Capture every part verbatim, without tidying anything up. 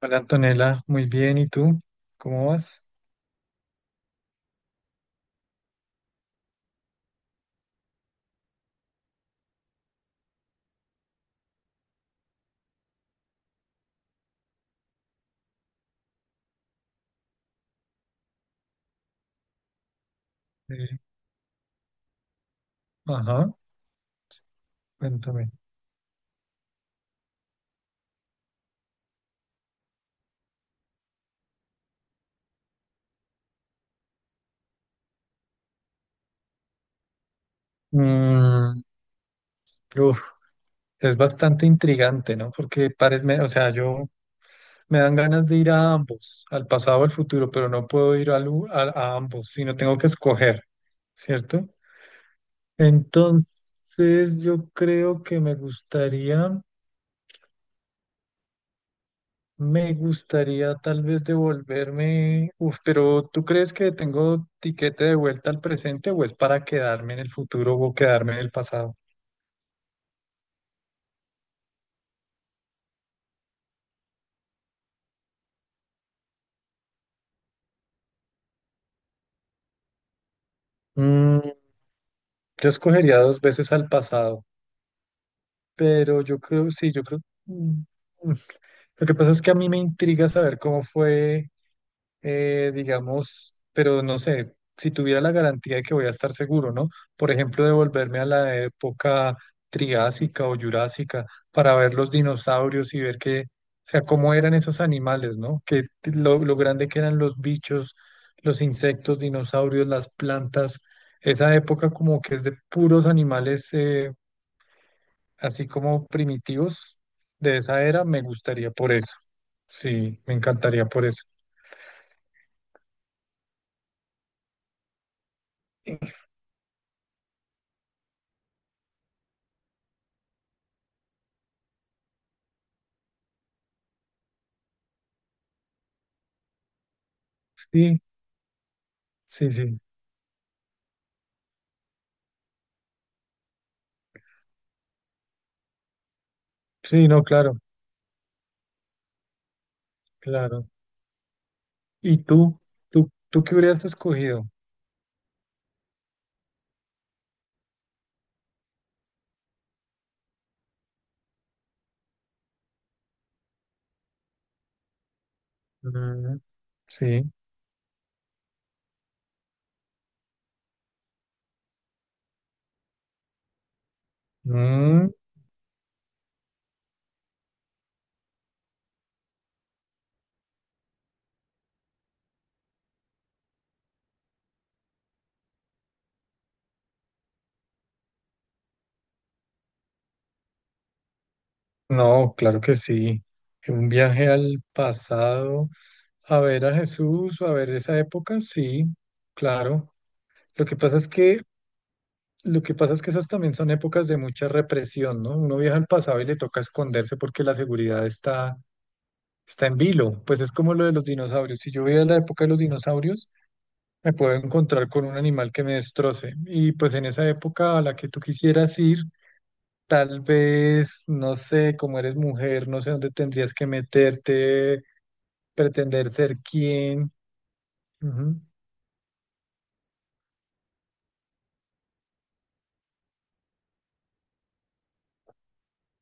Hola Antonella, muy bien. ¿Y tú? ¿Cómo vas? Eh, ajá, cuéntame. Mm, uf, es bastante intrigante, ¿no? Porque parece, o sea, yo me dan ganas de ir a ambos, al pasado o al futuro, pero no puedo ir al u- a, a ambos, sino tengo que escoger, ¿cierto? Entonces, yo creo que me gustaría. Me gustaría tal vez devolverme, uf, pero ¿tú crees que tengo tiquete de vuelta al presente o es para quedarme en el futuro o quedarme en el pasado? Mm, yo escogería dos veces al pasado, pero yo creo, sí, yo creo. Mm, mm. Lo que pasa es que a mí me intriga saber cómo fue. eh, digamos, pero no sé, si tuviera la garantía de que voy a estar seguro, ¿no? Por ejemplo, devolverme a la época triásica o jurásica para ver los dinosaurios y ver que, o sea, cómo eran esos animales, ¿no? Que t- lo, lo grande que eran los bichos, los insectos, dinosaurios, las plantas, esa época como que es de puros animales, eh, así como primitivos de esa era, me gustaría por eso. Sí, me encantaría por eso. Sí, sí, sí. Sí, no, claro, claro. ¿Y tú? ¿Tú, tú qué hubieras escogido? Mm, sí. Mm, no, claro que sí. Un viaje al pasado, a ver a Jesús, a ver esa época, sí, claro. Lo que pasa es que, lo que pasa es que esas también son épocas de mucha represión, ¿no? Uno viaja al pasado y le toca esconderse porque la seguridad está, está en vilo. Pues es como lo de los dinosaurios. Si yo voy a la época de los dinosaurios, me puedo encontrar con un animal que me destroce. Y pues en esa época a la que tú quisieras ir, tal vez, no sé, como eres mujer, no sé dónde tendrías que meterte, pretender ser quién. Ujú.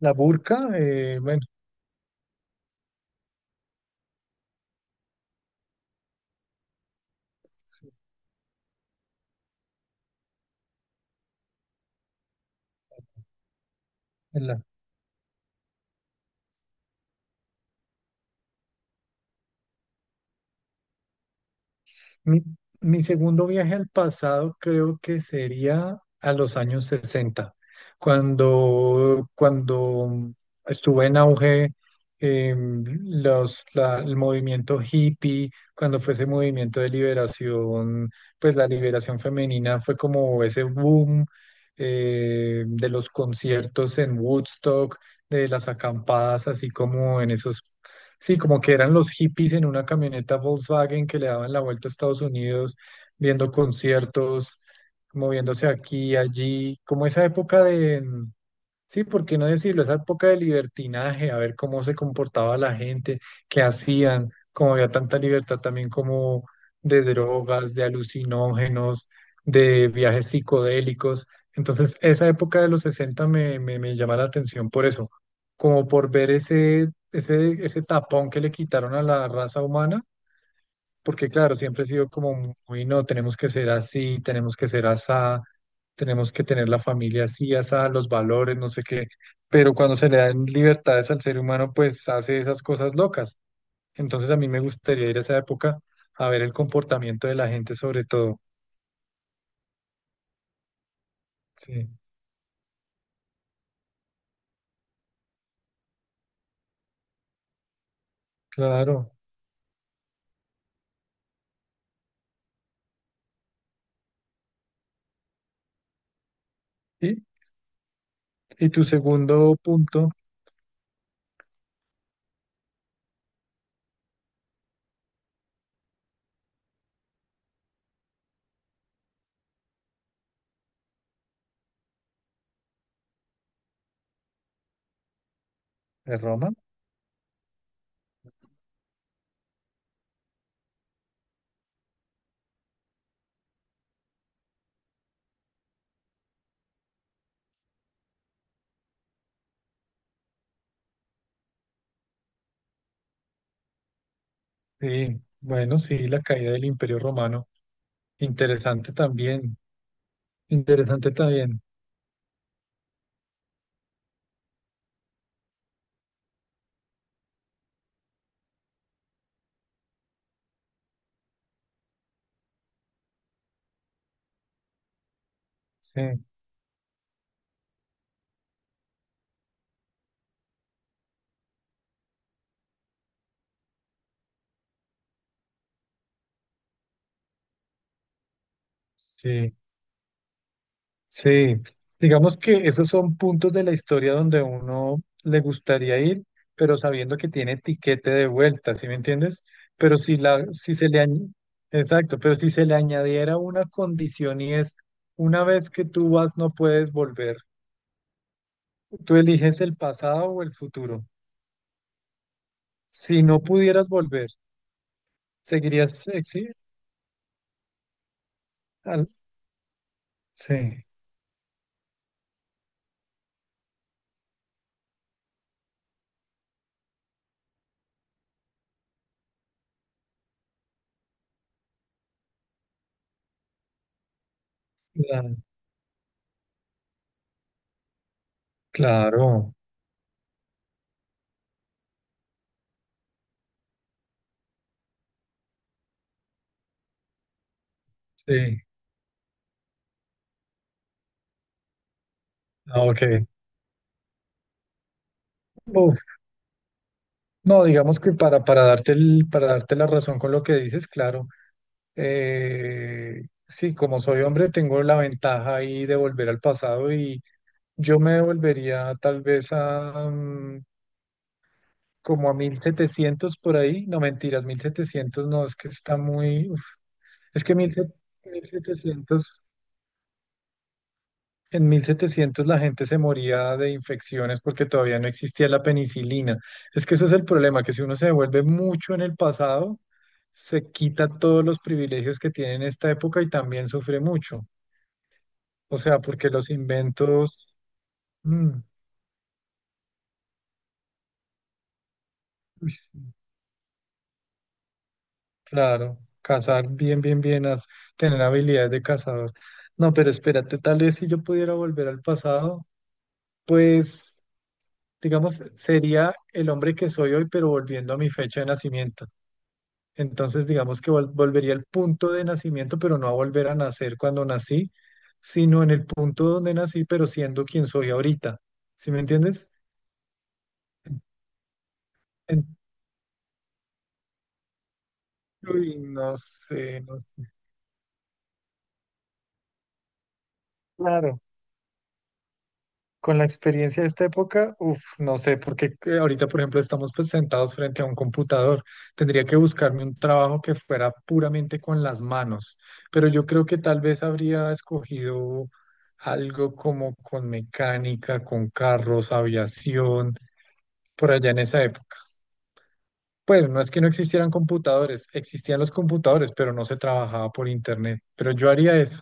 La burka, eh, bueno, sí. en Mi, mi segundo viaje al pasado creo que sería a los años sesenta, cuando, cuando estuvo en auge em, los, la- el movimiento hippie, cuando fue ese movimiento de liberación, pues la liberación femenina fue como ese boom eh, de los conciertos en Woodstock, de las acampadas, así como en esos. Sí, como que eran los hippies en una camioneta Volkswagen que le daban la vuelta a Estados Unidos, viendo conciertos, moviéndose aquí y allí, como esa época de, mm, sí, ¿por qué no decirlo? Esa época de libertinaje, a ver cómo se comportaba la gente, qué hacían, como había tanta libertad también como de drogas, de alucinógenos, de viajes psicodélicos. Entonces, esa época de los sesenta me, me, me llama la atención por eso, como por ver ese, ese, ese tapón que le quitaron a la raza humana porque claro, siempre he sido como muy, no, tenemos que ser así, tenemos que ser asá, tenemos que tener la familia así, asá, los valores, no sé qué, pero cuando se le dan libertades al ser humano, pues hace esas cosas locas. Entonces a mí me gustaría ir a esa época a ver el comportamiento de la gente sobre todo. Sí, claro. Y, y tu segundo punto es Roma. Sí, bueno, sí, la caída del Imperio Romano. Interesante también, interesante también. Sí, sí. Sí, digamos que esos son puntos de la historia donde uno le gustaría ir, pero sabiendo que tiene tiquete de vuelta, ¿sí me entiendes? Pero si la, si se le añ- exacto, pero si se le añadiera una condición y es una vez que tú vas no puedes volver. Tú eliges el pasado o el futuro. Si no pudieras volver, seguirías exi- al- Sí, la- claro. Sí. Ah, ok. No, digamos que para, para darte el, para darte la razón con lo que dices, claro, eh, sí, como soy hombre, tengo la ventaja ahí de volver al pasado y yo me devolvería tal vez a mm, como a mil setecientos por ahí, no mentiras, mil setecientos no, es que está muy, uf, es que mil setecientos. En mil setecientos la gente se moría de infecciones porque todavía no existía la penicilina. Es que ese es el problema, que si uno se vuelve mucho en el pasado, se quita todos los privilegios que tiene en esta época y también sufre mucho. O sea, porque los inventos, mm, uy, claro, cazar bien, bien, bien, haz- tener habilidades de cazador. No, pero espérate, tal vez si yo pudiera volver al pasado, pues, digamos, sería el hombre que soy hoy, pero volviendo a mi fecha de nacimiento. Entonces, digamos que vol- volvería al punto de nacimiento, pero no a volver a nacer cuando nací, sino en el punto donde nací, pero siendo quien soy ahorita. ¿Sí me entiendes? En- Uy, no sé, no sé. Claro. Con la experiencia de esta época, uff, no sé, porque eh, ahorita, por ejemplo, estamos pues, sentados frente a un computador. Tendría que buscarme un trabajo que fuera puramente con las manos, pero yo creo que tal vez habría escogido algo como con mecánica, con carros, aviación, por allá en esa época. Pues no es que no existieran computadores, existían los computadores, pero no se trabajaba por internet. Pero yo haría eso.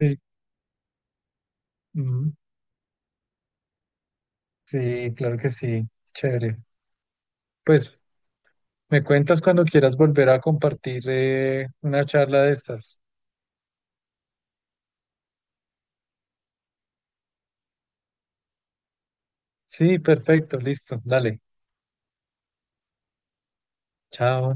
Sí, ujú, sí, claro que sí, chévere. Pues me cuentas cuando quieras volver a compartir eh, una charla de estas. Sí, perfecto, listo, dale, chao.